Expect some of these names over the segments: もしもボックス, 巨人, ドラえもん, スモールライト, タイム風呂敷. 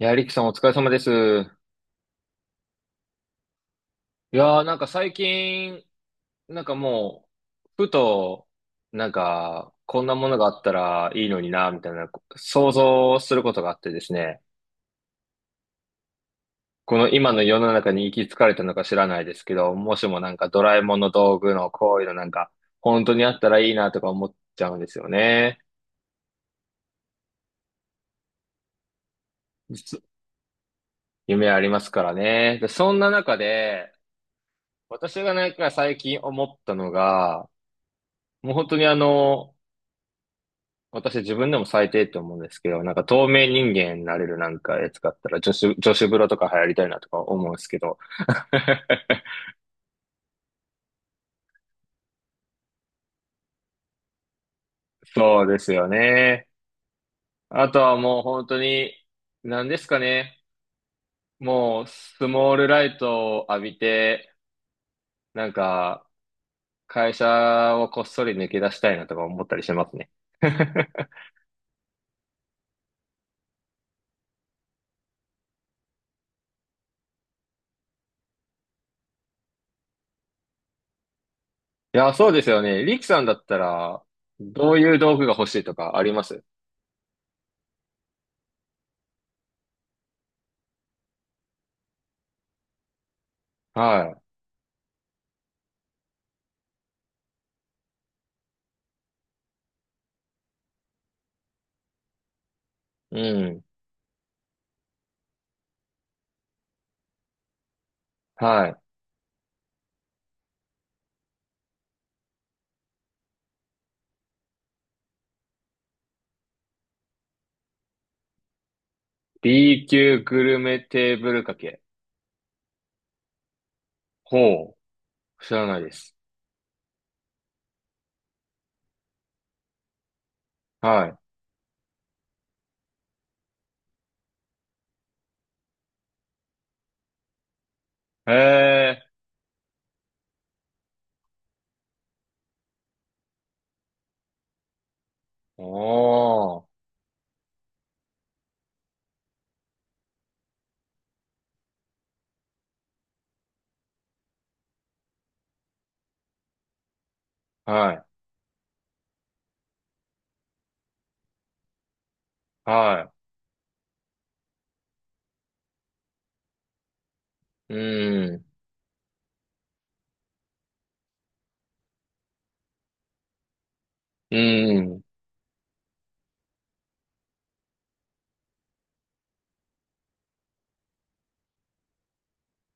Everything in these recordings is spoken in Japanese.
いや、リキさんお疲れ様です。なんか最近、なんかもう、ふと、なんか、こんなものがあったらいいのにな、みたいな、想像することがあってですね、この今の世の中に行き着かれたのか知らないですけど、もしもなんかドラえもんの道具のこういうのなんか、本当にあったらいいなとか思っちゃうんですよね。実夢ありますからね。で、そんな中で、私がなんか最近思ったのが、もう本当に私自分でも最低って思うんですけど、なんか透明人間になれるなんかやつがあったら女子風呂とか流行りたいなとか思うんですけど。そうですよね。あとはもう本当に、何ですかね。もうスモールライトを浴びて、なんか会社をこっそり抜け出したいなとか思ったりしますね。いや、そうですよね。リキさんだったら、どういう道具が欲しいとかあります？はい。うん。はい。B 級グルメテーブルかけ。ほう。知らないです。はい。へえ。おー。はい。はい。うん。うん。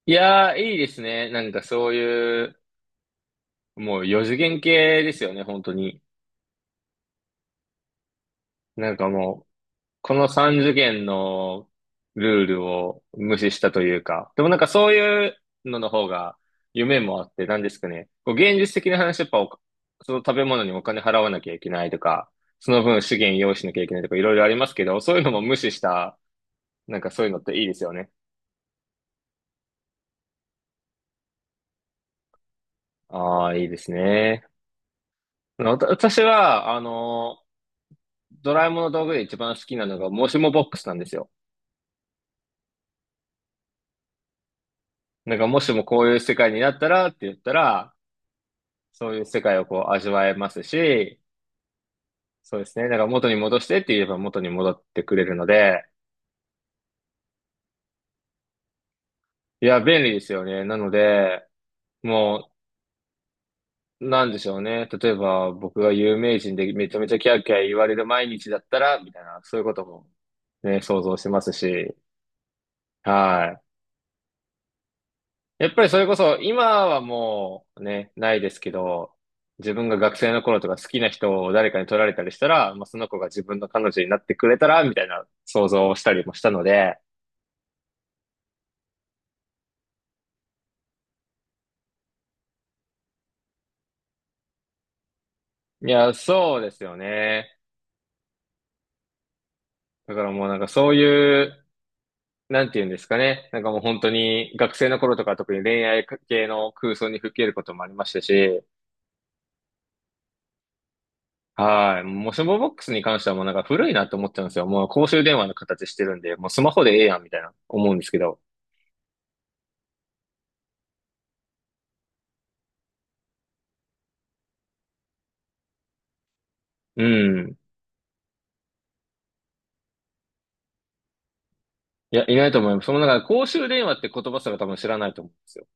いやー、いいですね。なんかそういう、もう四次元系ですよね、本当に。なんかもう、この3次元のルールを無視したというか、でもなんかそういうのの方が夢もあって、なんですかね、こう現実的な話、やっぱおその食べ物にお金払わなきゃいけないとか、その分資源用意しなきゃいけないとかいろいろありますけど、そういうのも無視した、なんかそういうのっていいですよね。ああ、いいですね。私は、ドラえもんの道具で一番好きなのが、もしもボックスなんですよ。なんか、もしもこういう世界になったらって言ったら、そういう世界をこう味わえますし、そうですね。だから元に戻してって言えば元に戻ってくれるので、いや、便利ですよね。なので、もなんでしょうね。例えば、僕が有名人でめちゃめちゃキャーキャー言われる毎日だったら、みたいな、そういうこともね、想像してますし、はい。やっぱりそれこそ、今はもうね、ないですけど、自分が学生の頃とか好きな人を誰かに取られたりしたら、まあ、その子が自分の彼女になってくれたら、みたいな想像をしたりもしたので、いや、そうですよね。だからもうなんかそういう、なんていうんですかね。なんかもう本当に学生の頃とか特に恋愛系の空想に吹き入ることもありましたし、はい。もうスマボックスに関してはもうなんか古いなと思ってたんですよ。もう公衆電話の形してるんで、もうスマホでええやんみたいな思うんですけど。うん。いや、いないと思います。そのなんか公衆電話って言葉すら多分知らないと思うんですよ。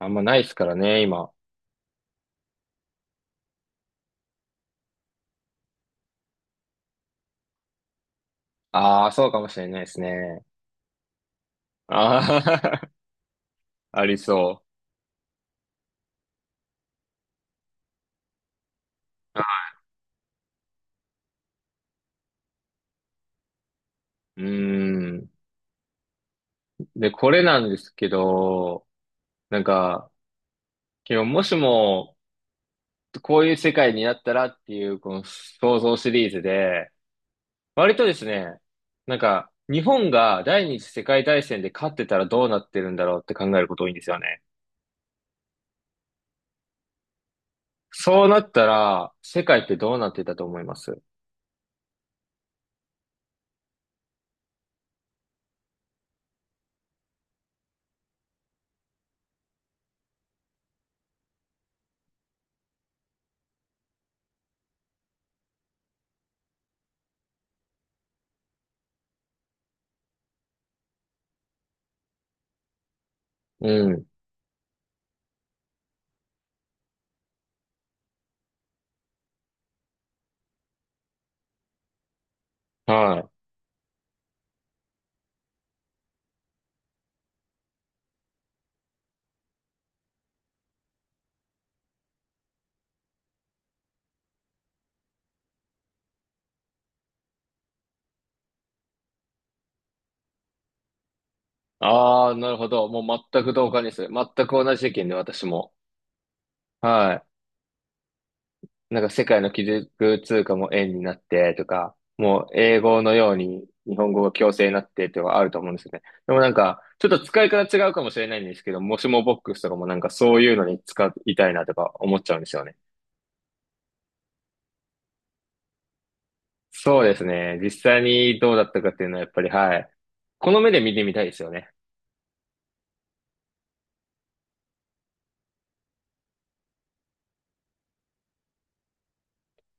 あんまないですからね、今。ああ、そうかもしれないですね。ああ、ありそう。うーん。で、これなんですけど、なんか、今日もしも、こういう世界になったらっていう、この想像シリーズで、割とですね、なんか、日本が第二次世界大戦で勝ってたらどうなってるんだろうって考えること多いんですよね。そうなったら、世界ってどうなってたと思います？うん。はい。ああ、なるほど。もう全く同感です。全く同じ意見で私も。はい。なんか世界の基軸通貨も円になってとか、もう英語のように日本語が強制になってとかあると思うんですよね。でもなんか、ちょっと使い方違うかもしれないんですけど、もしもボックスとかもなんかそういうのに使いたいなとか思っちゃうんですよね。そうですね。実際にどうだったかっていうのはやっぱり、はい。この目で見てみたいですよね。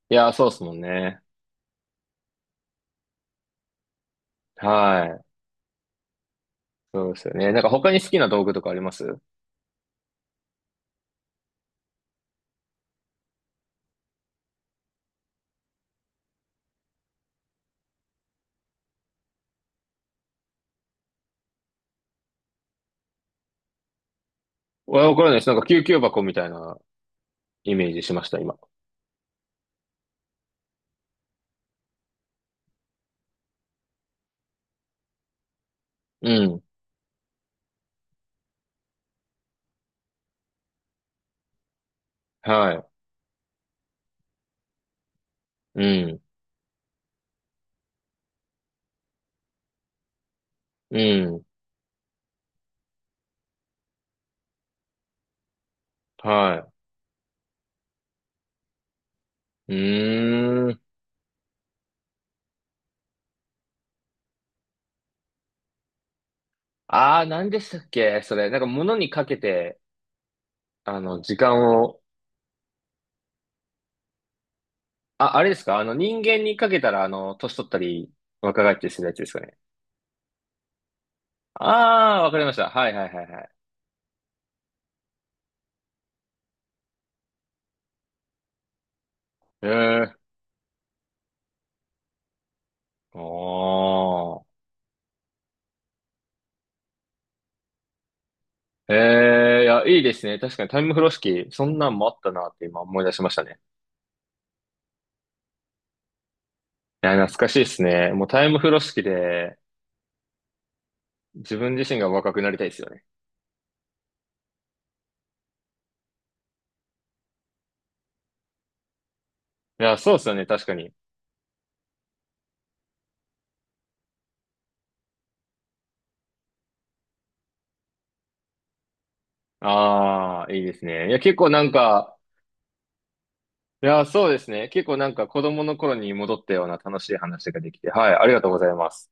いやー、そうですもんね。はい。そうですよね。なんか他に好きな道具とかあります？わからないです。なんか救急箱みたいなイメージしました、今。うん。はい。うん。うん。はい。うーん。ああ、何でしたっけそれ。なんか物にかけて、あの、時間を、あ、あれですかあの、人間にかけたら、あの、年取ったり、若返ったりするやつですかね。ああ、わかりました。はいはいはいはい。ええー。おー。ええいや、いいですね。確かにタイム風呂敷、そんなんもあったなって今思い出しましたね。いや、懐かしいですね。もうタイム風呂敷で、自分自身が若くなりたいですよね。いや、そうですよね。確かに。ああ、いいですね。いや、結構なんか、いやー、そうですね。結構なんか子供の頃に戻ったような楽しい話ができて、はい、ありがとうございます。